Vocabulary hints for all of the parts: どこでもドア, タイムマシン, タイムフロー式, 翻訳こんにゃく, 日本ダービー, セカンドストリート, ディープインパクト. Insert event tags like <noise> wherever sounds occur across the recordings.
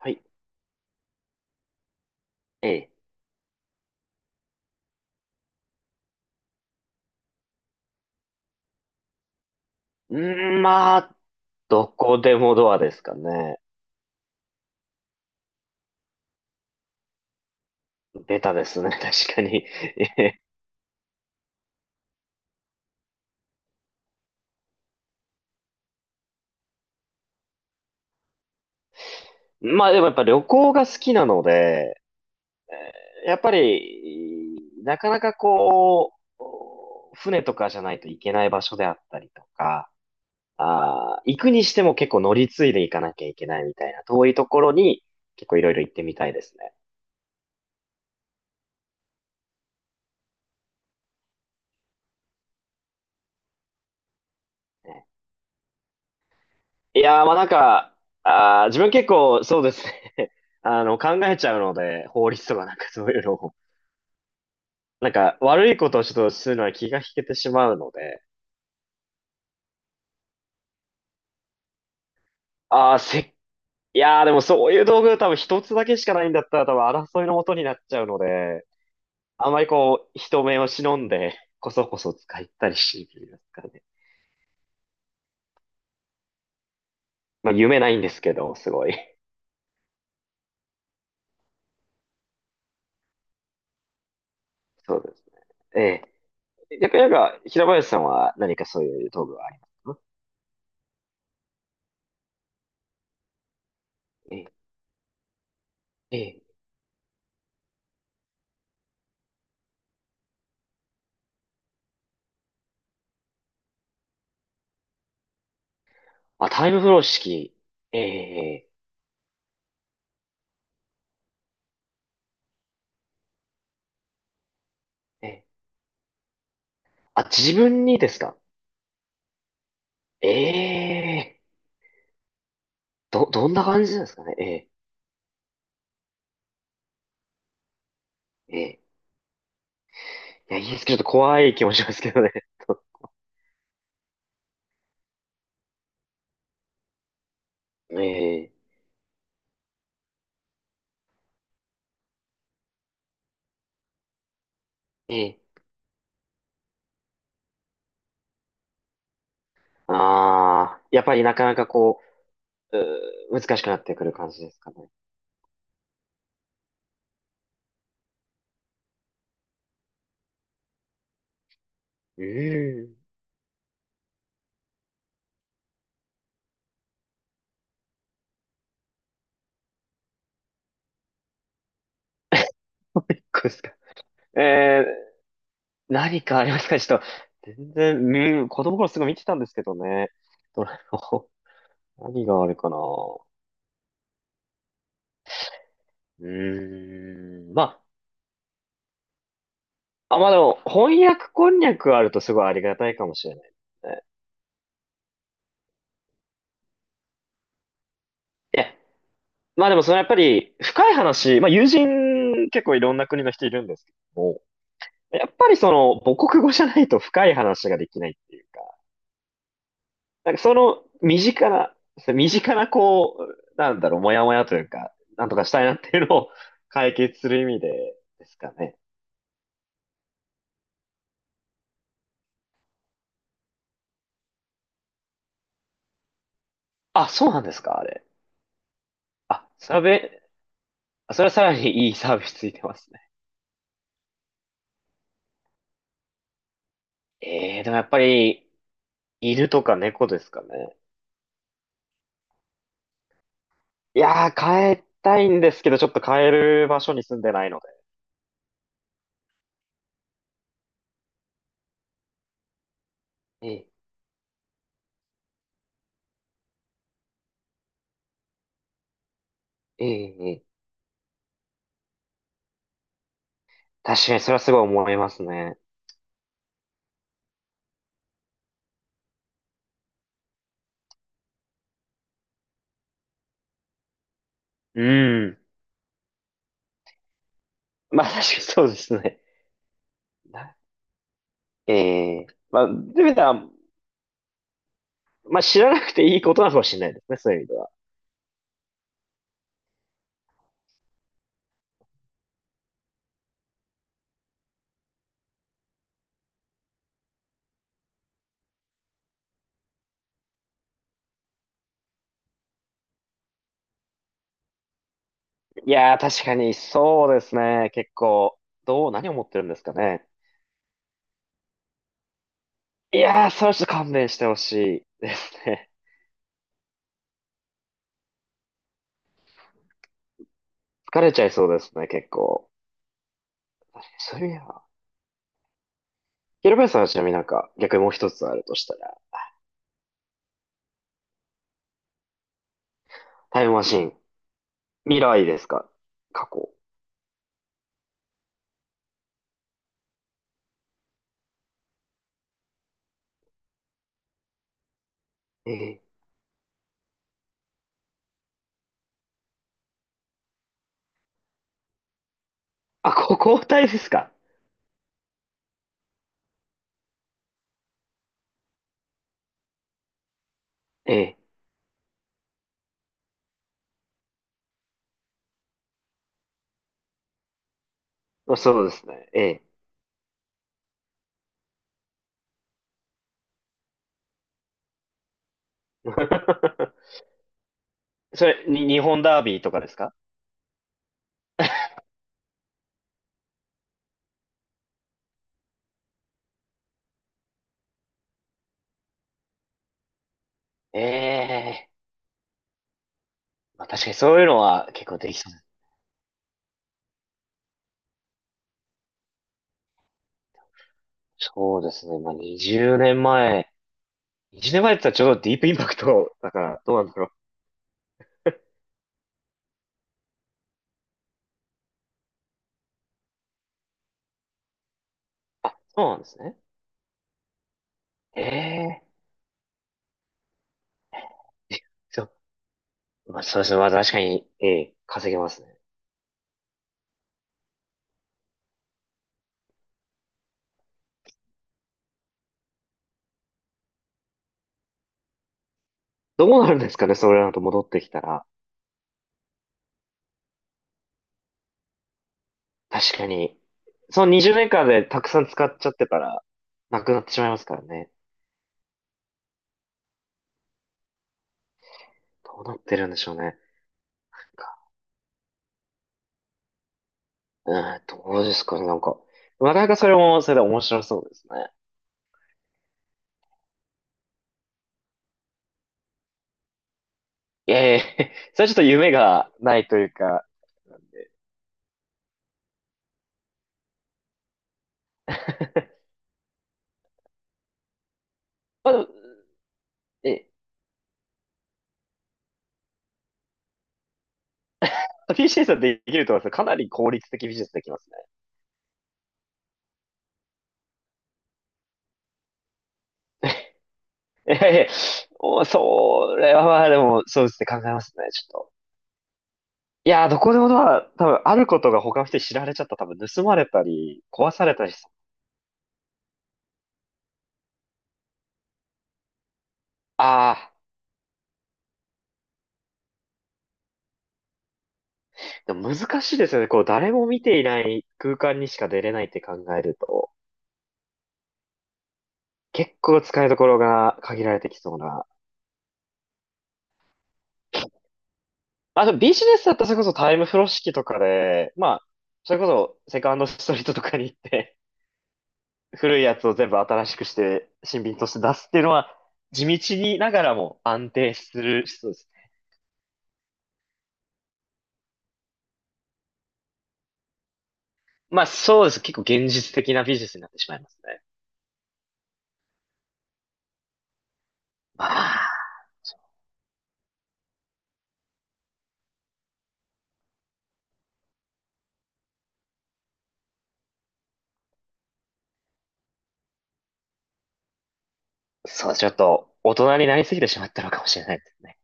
はい。ええ。うーん、まあ、どこでもドアですかね。ベタですね、<laughs> 確かに。ええ、まあ、でもやっぱ旅行が好きなので、えやっぱり、なかなかこう、船とかじゃないといけない場所であったりとか、行くにしても結構乗り継いで行かなきゃいけないみたいな、遠いところに結構いろいろ行ってみたいですね。いやー、まあなんか、自分結構そうですね。 <laughs> 考えちゃうので、法律とかなんかそういうのを、なんか悪いことをちょっとするのは気が引けてしまうので、ああ、いやー、でもそういう道具多分一つだけしかないんだったら多分争いの元になっちゃうので、あんまりこう、人目を忍んで、こそこそ使ったりし、てるんですかね。まあ夢ないんですけど、すごい。そうですね。ええ。やっぱりなんか、平林さんは何かそういう道具はありますか？ええ。ええ、まあ、タイムフロー式。ええええええ、あ、自分にですか？ええ、どんな感じなんですかねええええ、いや、いいですけど、ちょっと怖い気もしますけどね。<laughs> ええええ、やっぱりなかなかこう、難しくなってくる感じですかね。うーん、こうですか。ええ、何かありますか、ちょっと、全然、うん、子供の頃すごい見てたんですけどね。どれも、<laughs> 何があるかな。うーん、まあ、あ、まあでも、翻訳こんにゃくあるとすごいありがたいかもしれないね。いや、まあでもそのやっぱり深い話、まあ友人結構いろんな国の人いるんですけども、やっぱりその母国語じゃないと深い話ができないっていうか、なんかその身近な、身近なこう、なんだろう、もやもやというか、なんとかしたいなっていうのを <laughs> 解決する意味でですかね。あ、そうなんですか、あれ。あ、サベ、あ、それはさらにいいサービスついてますね。ええ、でもやっぱり犬とか猫ですかね。いやー、変えたいんですけど、ちょっと変える場所に住んでないので。ええ、ええ、ええ。確かにそれはすごい思いますね。うん。<laughs> まあ確かにそうですね。なええ。まあ、という意味では、まあ知らなくていいことなのかもしれないですね、そういう意味では。いやー、確かにそうですね。結構、何を思ってるんですかね。いやー、それはちょっと勘弁してほしいですね。<laughs> 疲れちゃいそうですね、結構。確かにそういう意味では。ヒロペさんはちなみになんか、逆にもう一つあるとしたら、タイムマシン。未来ですか？過去？ええ。あ、交代ですか？ええ。まあそうですね。ええ。<laughs> それ、に、日本ダービーとかですか？ええ。まあ確かにそういうのは結構できそう。そうですね。まあ20年前。20年前って言ったらちょうどディープインパクトだからどうなんだろう。あ、そうなんですね。ええ。<laughs> そう。まあそうですね。まあ確かに、ええ、稼げますね。どうなるんですかね、それだと戻ってきたら。確かに。その20年間でたくさん使っちゃってたら、なくなってしまいますからね。どうなってるんでしょうね。なんかうん、どうですかね、なんか。なかなかそれも、それで面白そうですね。いやいや、 <laughs> それはちょっと夢がないというか、まあ、でもえ、PC さん、できると思いますか？なり効率的ビジネスできますね。いやいや、それはまあでも、そうですね、考えますね、ちょっと。いやー、どこでもドア、多分あることが他の人に知られちゃったら多分盗まれたり、壊されたりしそう。ああ。でも難しいですよね。こう、誰も見ていない空間にしか出れないって考えると、結構使いどころが限られてきそうな。あと、でビジネスだったらそれこそタイムフロー式とかで、まあ、それこそセカンドストリートとかに行って、古いやつを全部新しくして、新品として出すっていうのは、地道にながらも安定する、そうですね。まあそうです。結構現実的なビジネスになってしまいますね。まあ、そう、ちょっと大人になりすぎてしまったのかもしれないですね。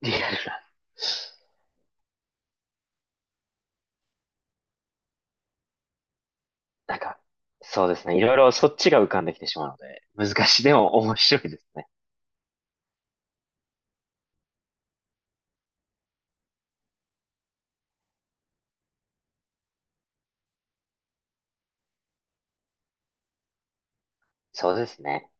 リアルな。なんか、そうですね。いろいろそっちが浮かんできてしまうので、難しい。でも面白いですね。そうですね。